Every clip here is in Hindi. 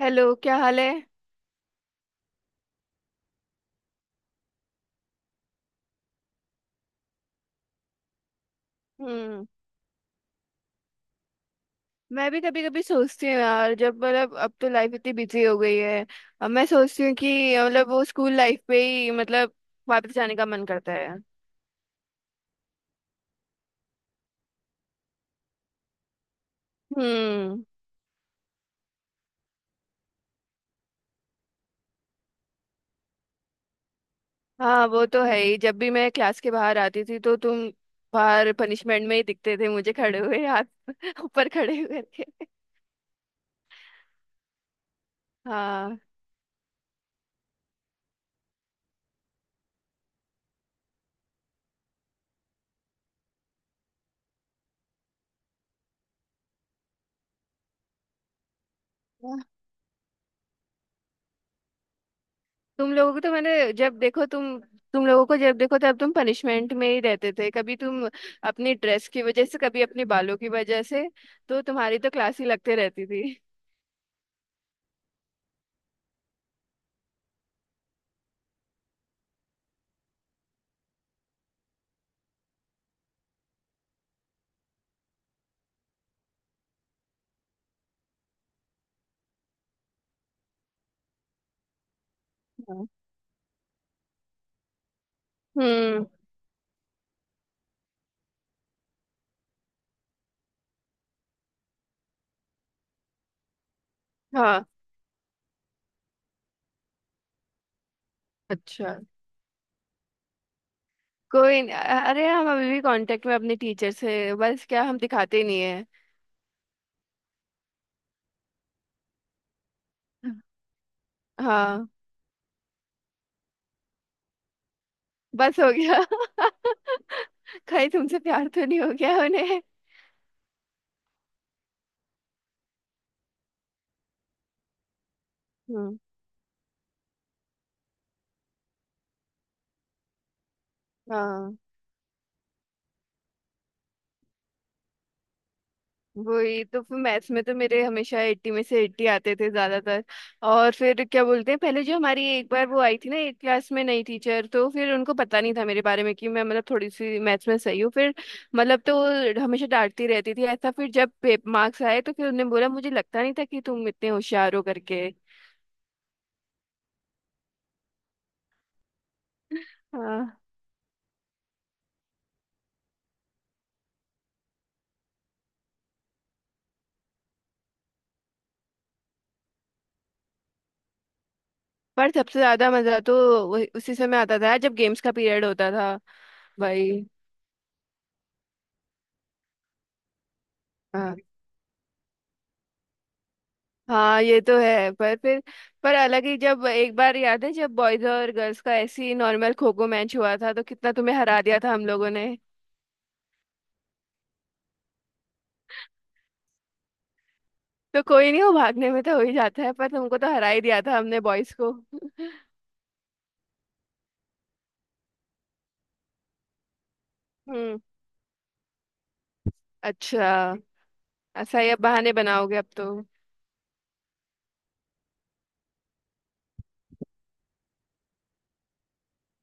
हेलो, क्या हाल है। हम्म। मैं भी कभी कभी सोचती हूँ यार, जब मतलब अब तो लाइफ इतनी बिजी हो गई है। अब मैं सोचती हूँ कि मतलब वो स्कूल लाइफ पे ही, मतलब वापस जाने का मन करता है। हम्म। हाँ, वो तो है ही। जब भी मैं क्लास के बाहर आती थी तो तुम बाहर पनिशमेंट में ही दिखते थे मुझे, खड़े हुए हाथ ऊपर खड़े हुए करके। हाँ। तुम लोगों को तो मैंने जब देखो तुम तुम लोगों को जब देखो तब तुम पनिशमेंट में ही रहते थे, कभी तुम अपनी ड्रेस की वजह से, कभी अपने बालों की वजह से। तो तुम्हारी तो क्लास ही लगते रहती थी। हाँ। हम्म। हाँ। अच्छा। कोई न, अरे हम अभी भी कांटेक्ट में अपने टीचर से, बस क्या हम दिखाते नहीं है। हाँ। बस हो गया। कहीं तुमसे प्यार तो नहीं हो गया उन्हें। हम्म। हाँ, वही तो। फिर मैथ्स में तो मेरे हमेशा 80 में से 80 आते थे ज्यादातर। और फिर क्या बोलते हैं, पहले जो हमारी एक बार वो आई थी ना एक क्लास में नई टीचर, तो फिर उनको पता नहीं था मेरे बारे में कि मैं मतलब थोड़ी सी मैथ्स में सही हूँ। फिर मतलब तो वो हमेशा डांटती रहती थी ऐसा, फिर जब मार्क्स आए तो फिर उन्होंने बोला मुझे लगता नहीं था कि तुम इतने होशियार हो करके। हाँ। पर सबसे ज्यादा मजा तो उसी समय आता था जब गेम्स का पीरियड होता था। भाई। हाँ, ये तो है। पर अलग ही, जब एक बार याद है जब बॉयज और गर्ल्स का ऐसे ही नॉर्मल खो खो मैच हुआ था तो कितना तुम्हें हरा दिया था हम लोगों ने। तो कोई नहीं, वो भागने में तो हो ही जाता है, पर तुमको तो हरा ही दिया था हमने बॉयज को। हम्म। अच्छा। ऐसा ही अब बहाने बनाओगे अब तो।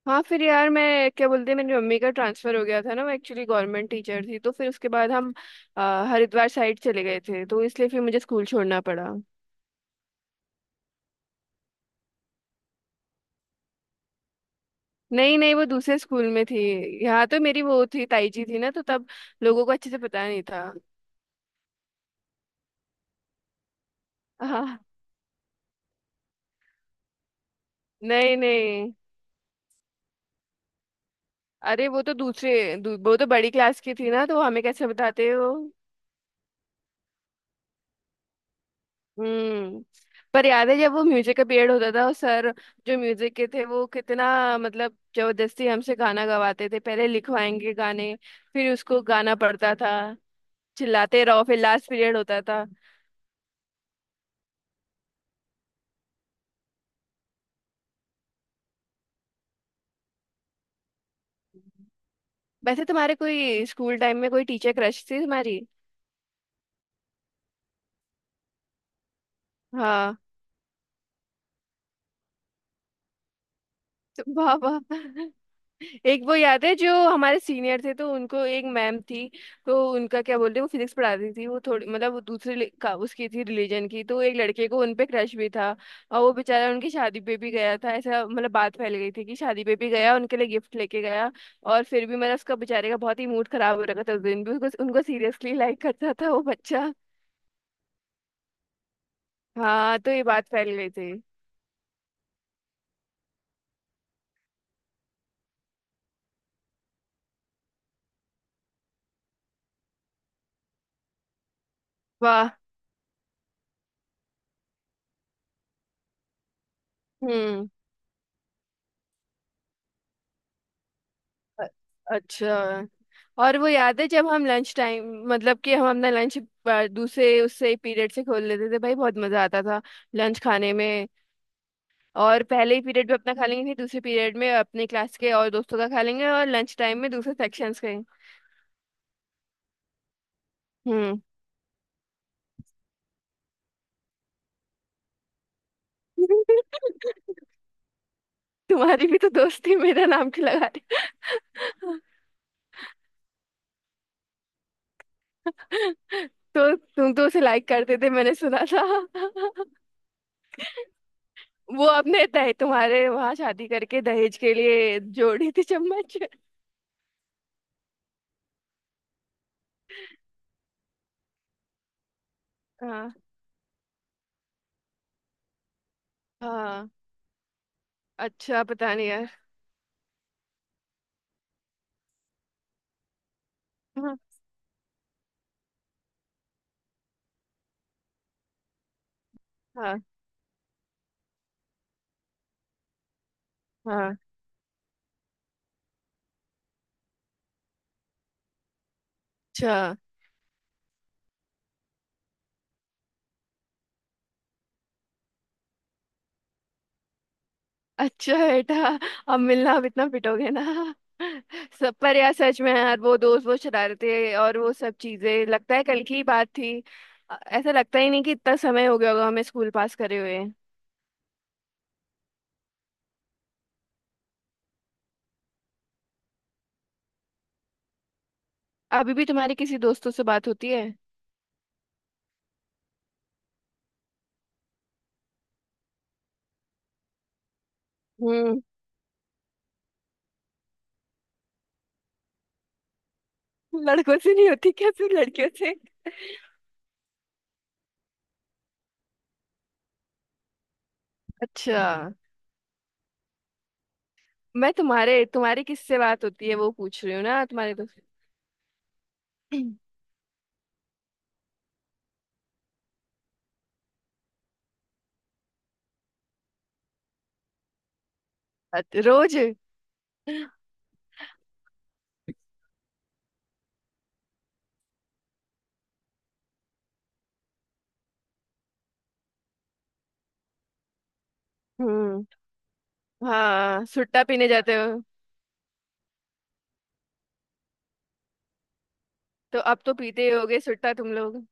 हाँ, फिर यार मैं क्या बोलते हैं, मेरी मम्मी का ट्रांसफर हो गया था ना, वो एक्चुअली गवर्नमेंट टीचर थी, तो फिर उसके बाद हम अ, हरिद्वार साइड चले गए थे, तो इसलिए फिर मुझे स्कूल छोड़ना पड़ा। नहीं नहीं, वो दूसरे स्कूल में थी। यहाँ तो मेरी वो थी, ताई जी थी ना, तो तब लोगों को अच्छे से पता नहीं था। हाँ। नहीं नहीं, अरे वो तो दूसरे वो तो बड़ी क्लास की थी ना, तो हमें कैसे बताते हो। हम्म। पर याद है जब वो म्यूजिक का पीरियड होता था, और सर जो म्यूजिक के थे वो कितना मतलब जबरदस्ती हमसे गाना गवाते थे, पहले लिखवाएंगे गाने, फिर उसको गाना पड़ता था, चिल्लाते रहो, फिर लास्ट पीरियड होता था। वैसे तुम्हारे कोई स्कूल टाइम में कोई टीचर क्रश थी तुम्हारी? हाँ। वाह वाह। एक वो याद है जो हमारे सीनियर थे, तो उनको एक मैम थी, तो उनका क्या बोलते हैं, वो फिजिक्स पढ़ाती थी, वो थोड़ी मतलब वो दूसरे का उसकी थी रिलीजन की, तो एक लड़के को उनपे क्रश भी था, और वो बेचारा उनकी शादी पे भी गया था ऐसा, मतलब बात फैल गई थी कि शादी पे भी गया, उनके लिए गिफ्ट लेके गया। और फिर भी मतलब उसका बेचारे का बहुत ही मूड खराब हो रखा था उस दिन भी, उसको उनको सीरियसली लाइक करता था वो बच्चा। हाँ, तो ये बात फैल गई थी। वाह। हम्म। अ- अच्छा। और वो याद है जब हम लंच टाइम मतलब कि हम अपना लंच दूसरे उससे पीरियड से खोल लेते थे, भाई बहुत मजा आता था लंच खाने में। और पहले ही पीरियड में अपना खा लेंगे, फिर दूसरे पीरियड में अपने क्लास के और दोस्तों का खा लेंगे, और लंच टाइम में दूसरे सेक्शंस के। हम्म। तुम्हारी भी तो दोस्ती, मेरा नाम क्यों लगा रही। तो तुम तो उसे लाइक करते थे मैंने सुना था। वो अपने दहे तुम्हारे वहां शादी करके दहेज के लिए जोड़ी थी चम्मच। हाँ हाँ। अच्छा, पता नहीं यार। हाँ हाँ हाँ, अच्छा। अच्छा बेटा, अब मिलना, अब इतना पिटोगे ना। सब, पर यार सच में यार वो दोस्त, वो शरारतें और वो सब चीजें, लगता है कल की ही बात थी। ऐसा लगता ही नहीं कि इतना समय हो गया होगा हमें स्कूल पास करे हुए। अभी भी तुम्हारी किसी दोस्तों से बात होती है? हम्म। लड़कों से नहीं होती क्या, सिर्फ लड़कियों से? अच्छा। मैं तुम्हारे तुम्हारी किससे बात होती है वो पूछ रही हूँ ना, तुम्हारे दोस्त। रोज। हम्म। हाँ, सुट्टा पीने जाते हो। तो अब तो पीते ही होगे सुट्टा तुम लोग।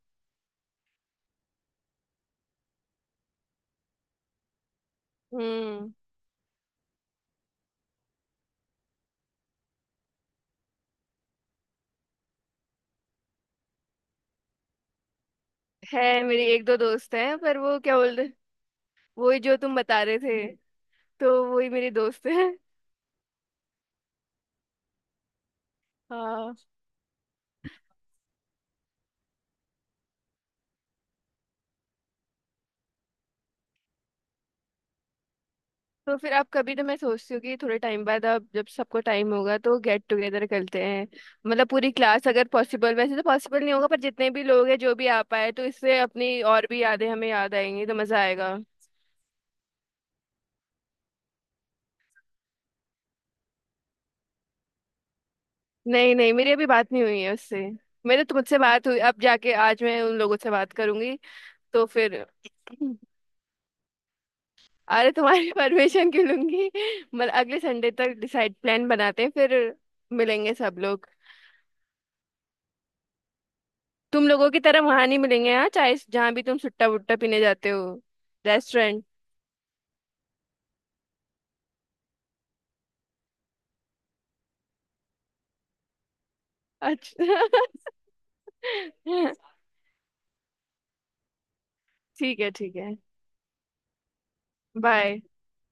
हम्म। है, मेरी एक दो दोस्त हैं, पर वो क्या बोलते। वही जो तुम बता रहे थे, तो वही मेरी दोस्त है। हाँ। तो फिर आप कभी, तो मैं सोचती हूँ कि थोड़े टाइम बाद अब जब सबको टाइम होगा तो गेट टुगेदर करते हैं। मतलब पूरी क्लास, अगर पॉसिबल, वैसे तो पॉसिबल नहीं होगा, पर जितने भी लोग हैं जो भी आ पाए, तो इससे अपनी और भी यादें हमें याद आएंगी, तो मजा आएगा। नहीं नहीं, मेरी अभी बात नहीं हुई है उससे। मेरे तो मुझसे बात हुई, अब जाके आज मैं उन लोगों से बात करूंगी। तो फिर अरे, तुम्हारी परमिशन क्यों लूंगी। मतलब अगले संडे तक डिसाइड, प्लान बनाते हैं, फिर मिलेंगे सब लोग। तुम लोगों की तरह वहां नहीं मिलेंगे हाँ, चाहे जहाँ भी तुम सुट्टा वुट्टा पीने जाते हो। रेस्टोरेंट। अच्छा। ठीक है, ठीक है। बाय।